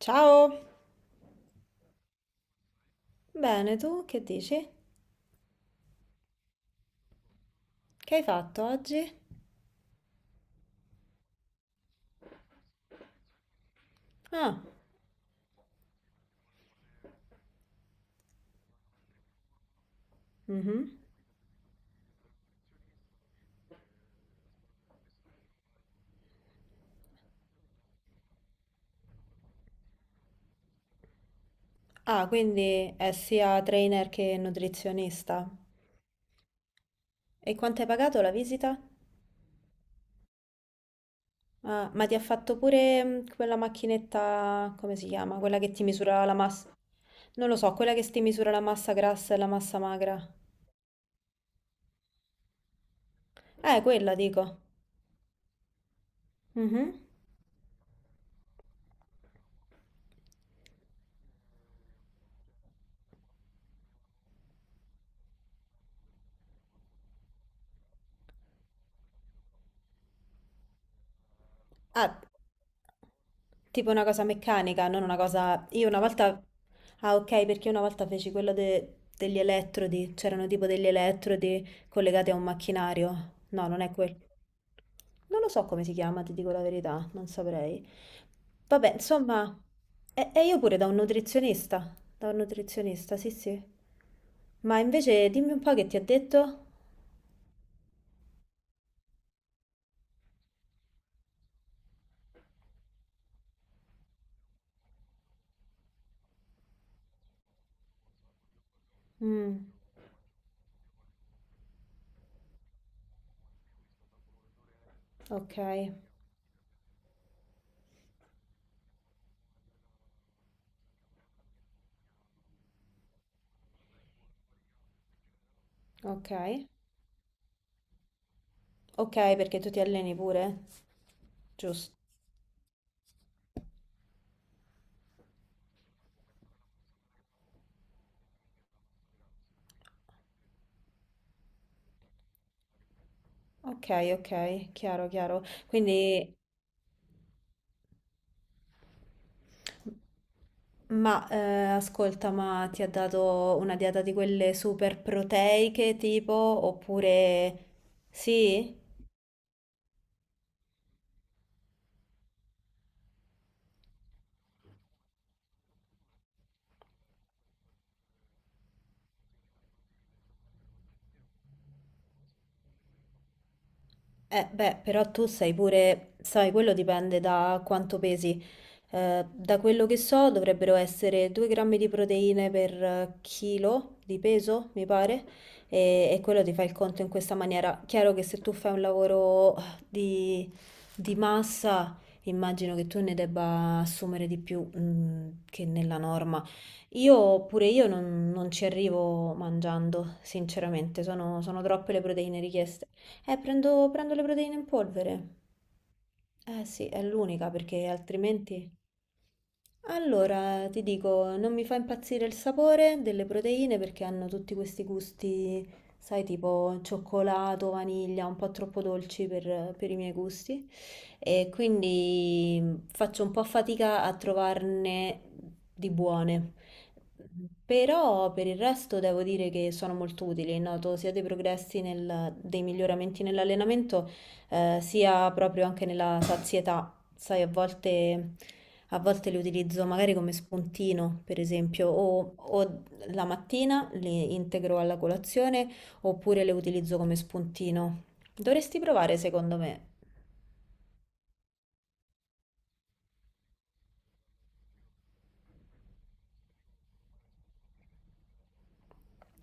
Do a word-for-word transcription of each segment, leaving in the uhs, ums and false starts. Ciao! Bene, tu che dici? Che hai fatto oggi? Ah, mhm. Ah, quindi è sia trainer che nutrizionista. E quanto hai pagato la visita? Ah, ma ti ha fatto pure mm, quella macchinetta, come si chiama? Quella che ti misura la massa. Non lo so, quella che ti misura la massa grassa e la massa magra. Eh, quella dico. Mhm. Ah, tipo una cosa meccanica, non una cosa... Io una volta... Ah, ok, perché una volta feci quello de- degli elettrodi, c'erano tipo degli elettrodi collegati a un macchinario. No, non è quello. Non lo so come si chiama, ti dico la verità, non saprei. Vabbè, insomma, e, e io pure da un nutrizionista, da un nutrizionista, sì, sì. Ma invece dimmi un po' che ti ha detto? Mm, ok, ok. Ok, perché tu ti alleni pure? Giusto. Ok, ok, chiaro, chiaro. Quindi, ma eh, ascolta, ma ti ha dato una dieta di quelle super proteiche tipo, oppure sì? Eh, beh, però tu sei pure, sai, quello dipende da quanto pesi. Eh, da quello che so, dovrebbero essere due grammi di proteine per eh, chilo di peso, mi pare, e, e quello ti fa il conto in questa maniera. Chiaro che se tu fai un lavoro di, di massa, immagino che tu ne debba assumere di più, mm, che nella norma. Io pure io non, non ci arrivo mangiando, sinceramente, sono sono troppe le proteine richieste. Eh, prendo, prendo le proteine in polvere. Eh sì, è l'unica perché altrimenti... Allora, ti dico, non mi fa impazzire il sapore delle proteine perché hanno tutti questi gusti, sai, tipo cioccolato, vaniglia, un po' troppo dolci per, per i miei gusti. E quindi faccio un po' fatica a trovarne di buone. Però per il resto devo dire che sono molto utili, noto sia dei progressi nel- dei miglioramenti nell'allenamento, eh, sia proprio anche nella sazietà. Sai, a volte, a volte li utilizzo magari come spuntino, per esempio, o, o la mattina li integro alla colazione oppure le utilizzo come spuntino. Dovresti provare, secondo me.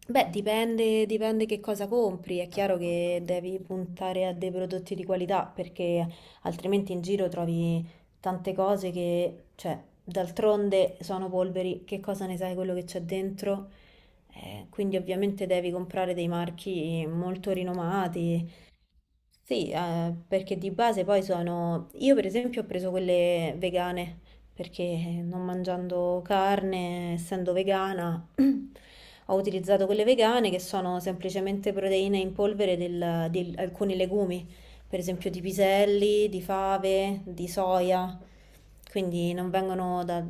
Beh, dipende, dipende che cosa compri. È chiaro che devi puntare a dei prodotti di qualità perché altrimenti in giro trovi tante cose che, cioè, d'altronde sono polveri. Che cosa ne sai quello che c'è dentro? Eh, quindi ovviamente devi comprare dei marchi molto rinomati sì, eh, perché di base poi sono... Io per esempio ho preso quelle vegane, perché non mangiando carne, essendo vegana, ho utilizzato quelle vegane che sono semplicemente proteine in polvere del- di alcuni legumi per esempio di piselli, di fave, di soia, quindi non vengono da-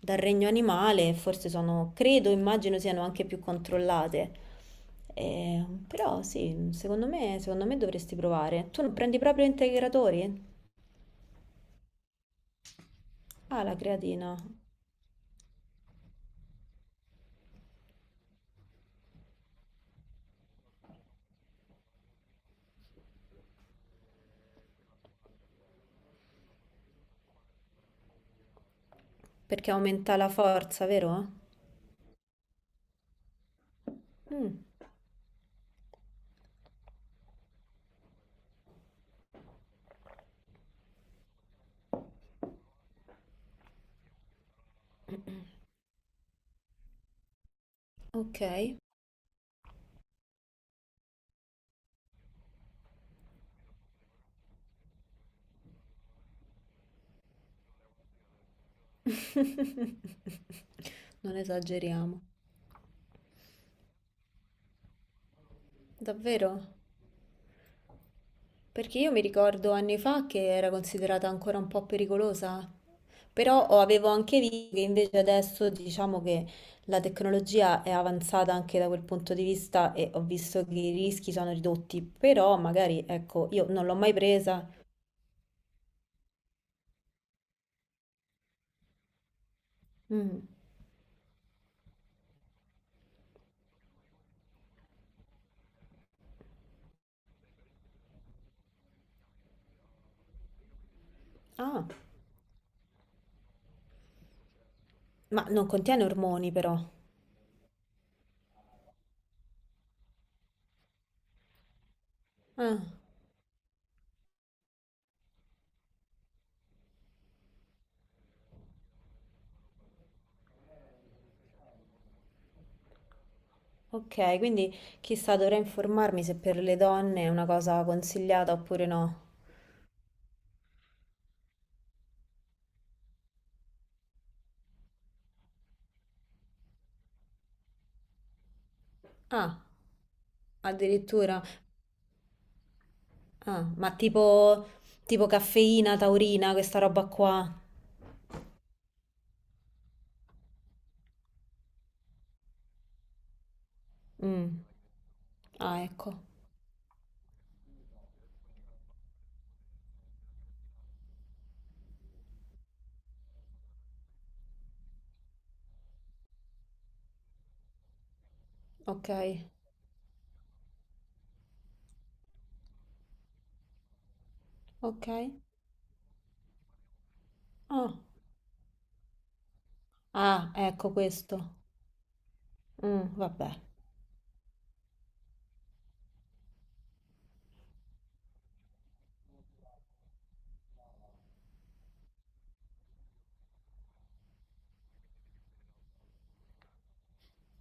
dal regno animale, e forse sono, credo, immagino siano anche più controllate. Eh, però sì, secondo me, secondo me dovresti provare. Tu non prendi proprio integratori? Ah, la creatina, perché aumenta la forza, vero? Mm. Ok. Non esageriamo. Davvero? Perché io mi ricordo anni fa che era considerata ancora un po' pericolosa, però ho- avevo anche visto che invece adesso diciamo che la tecnologia è avanzata anche da quel punto di vista e ho visto che i rischi sono ridotti, però magari ecco, io non l'ho mai presa. Mm. Ah, ma non contiene ormoni però. Ah, ok, quindi chissà, dovrei informarmi se per le donne è una cosa consigliata oppure no. Ah, addirittura. Ah, ma tipo, tipo caffeina, taurina, questa roba qua. Mm. Ah, ecco. Ok, ok. Ah, ah, ecco questo. Mm, vabbè.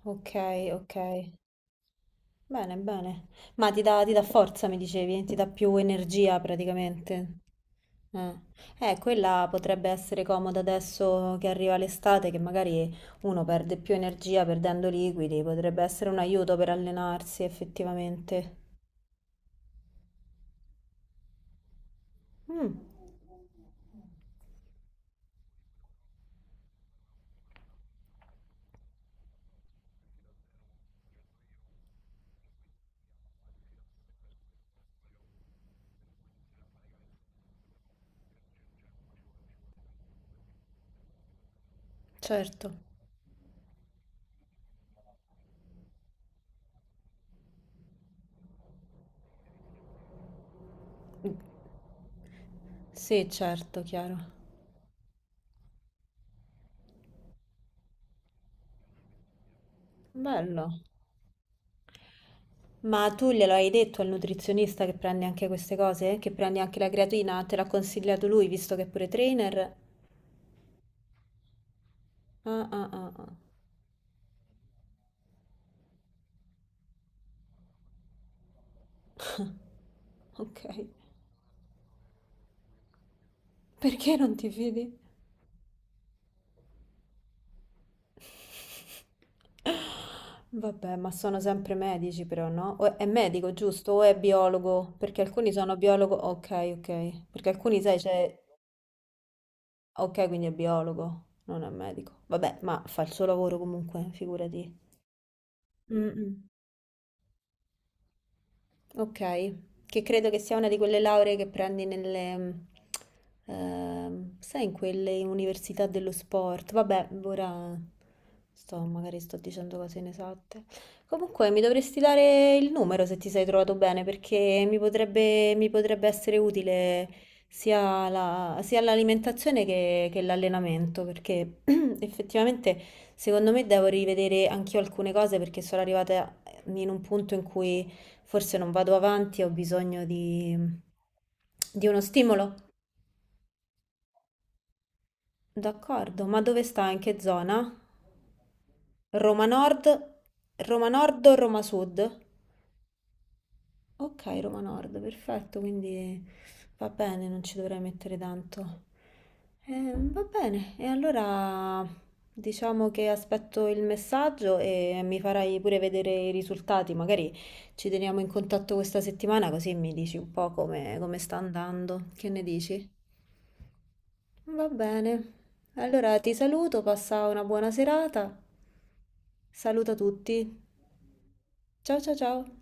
Ok, ok. Bene, bene. Ma ti dà, ti dà forza, mi dicevi, ti dà più energia praticamente. Eh. Eh, quella potrebbe essere comoda adesso che arriva l'estate, che magari uno perde più energia perdendo liquidi, potrebbe essere un aiuto per allenarsi effettivamente. Mm, certo. Sì, certo, chiaro. Bello. Ma tu glielo hai detto al nutrizionista che prendi anche queste cose? Che prendi anche la creatina? Te l'ha consigliato lui, visto che è pure trainer? Ah, ah, ah, ah. Ok. Perché non ti fidi? Vabbè, ma sono sempre medici però, no? O è medico, giusto? O è biologo? Perché alcuni sono biologo... Ok, ok. Perché alcuni, sai, c'è... Ok, quindi è biologo, non è medico. Vabbè, ma fa il suo lavoro comunque, figurati. Mm, mm. Ok, che credo che sia una di quelle lauree che prendi nelle, mm, ehm, sai, in quelle università dello sport. Vabbè, ora sto, magari sto dicendo cose inesatte. Comunque, mi dovresti dare il numero se ti sei trovato bene, perché mi potrebbe, mi potrebbe essere utile sia la- sia l'alimentazione che, che l'allenamento, perché effettivamente secondo me devo rivedere anch'io alcune cose perché sono arrivata in un punto in cui... Forse non vado avanti, ho bisogno di, di uno stimolo. D'accordo, ma dove sta? In che zona? Roma Nord, Roma Nord o Roma Sud? Ok, Roma Nord, perfetto, quindi va bene, non ci dovrei mettere tanto. Ehm, va bene, e allora diciamo che aspetto il messaggio e mi farai pure vedere i risultati, magari ci teniamo in contatto questa settimana così mi dici un po' come, come sta andando, che ne dici? Va bene, allora ti saluto, passa una buona serata, saluta tutti, ciao ciao ciao.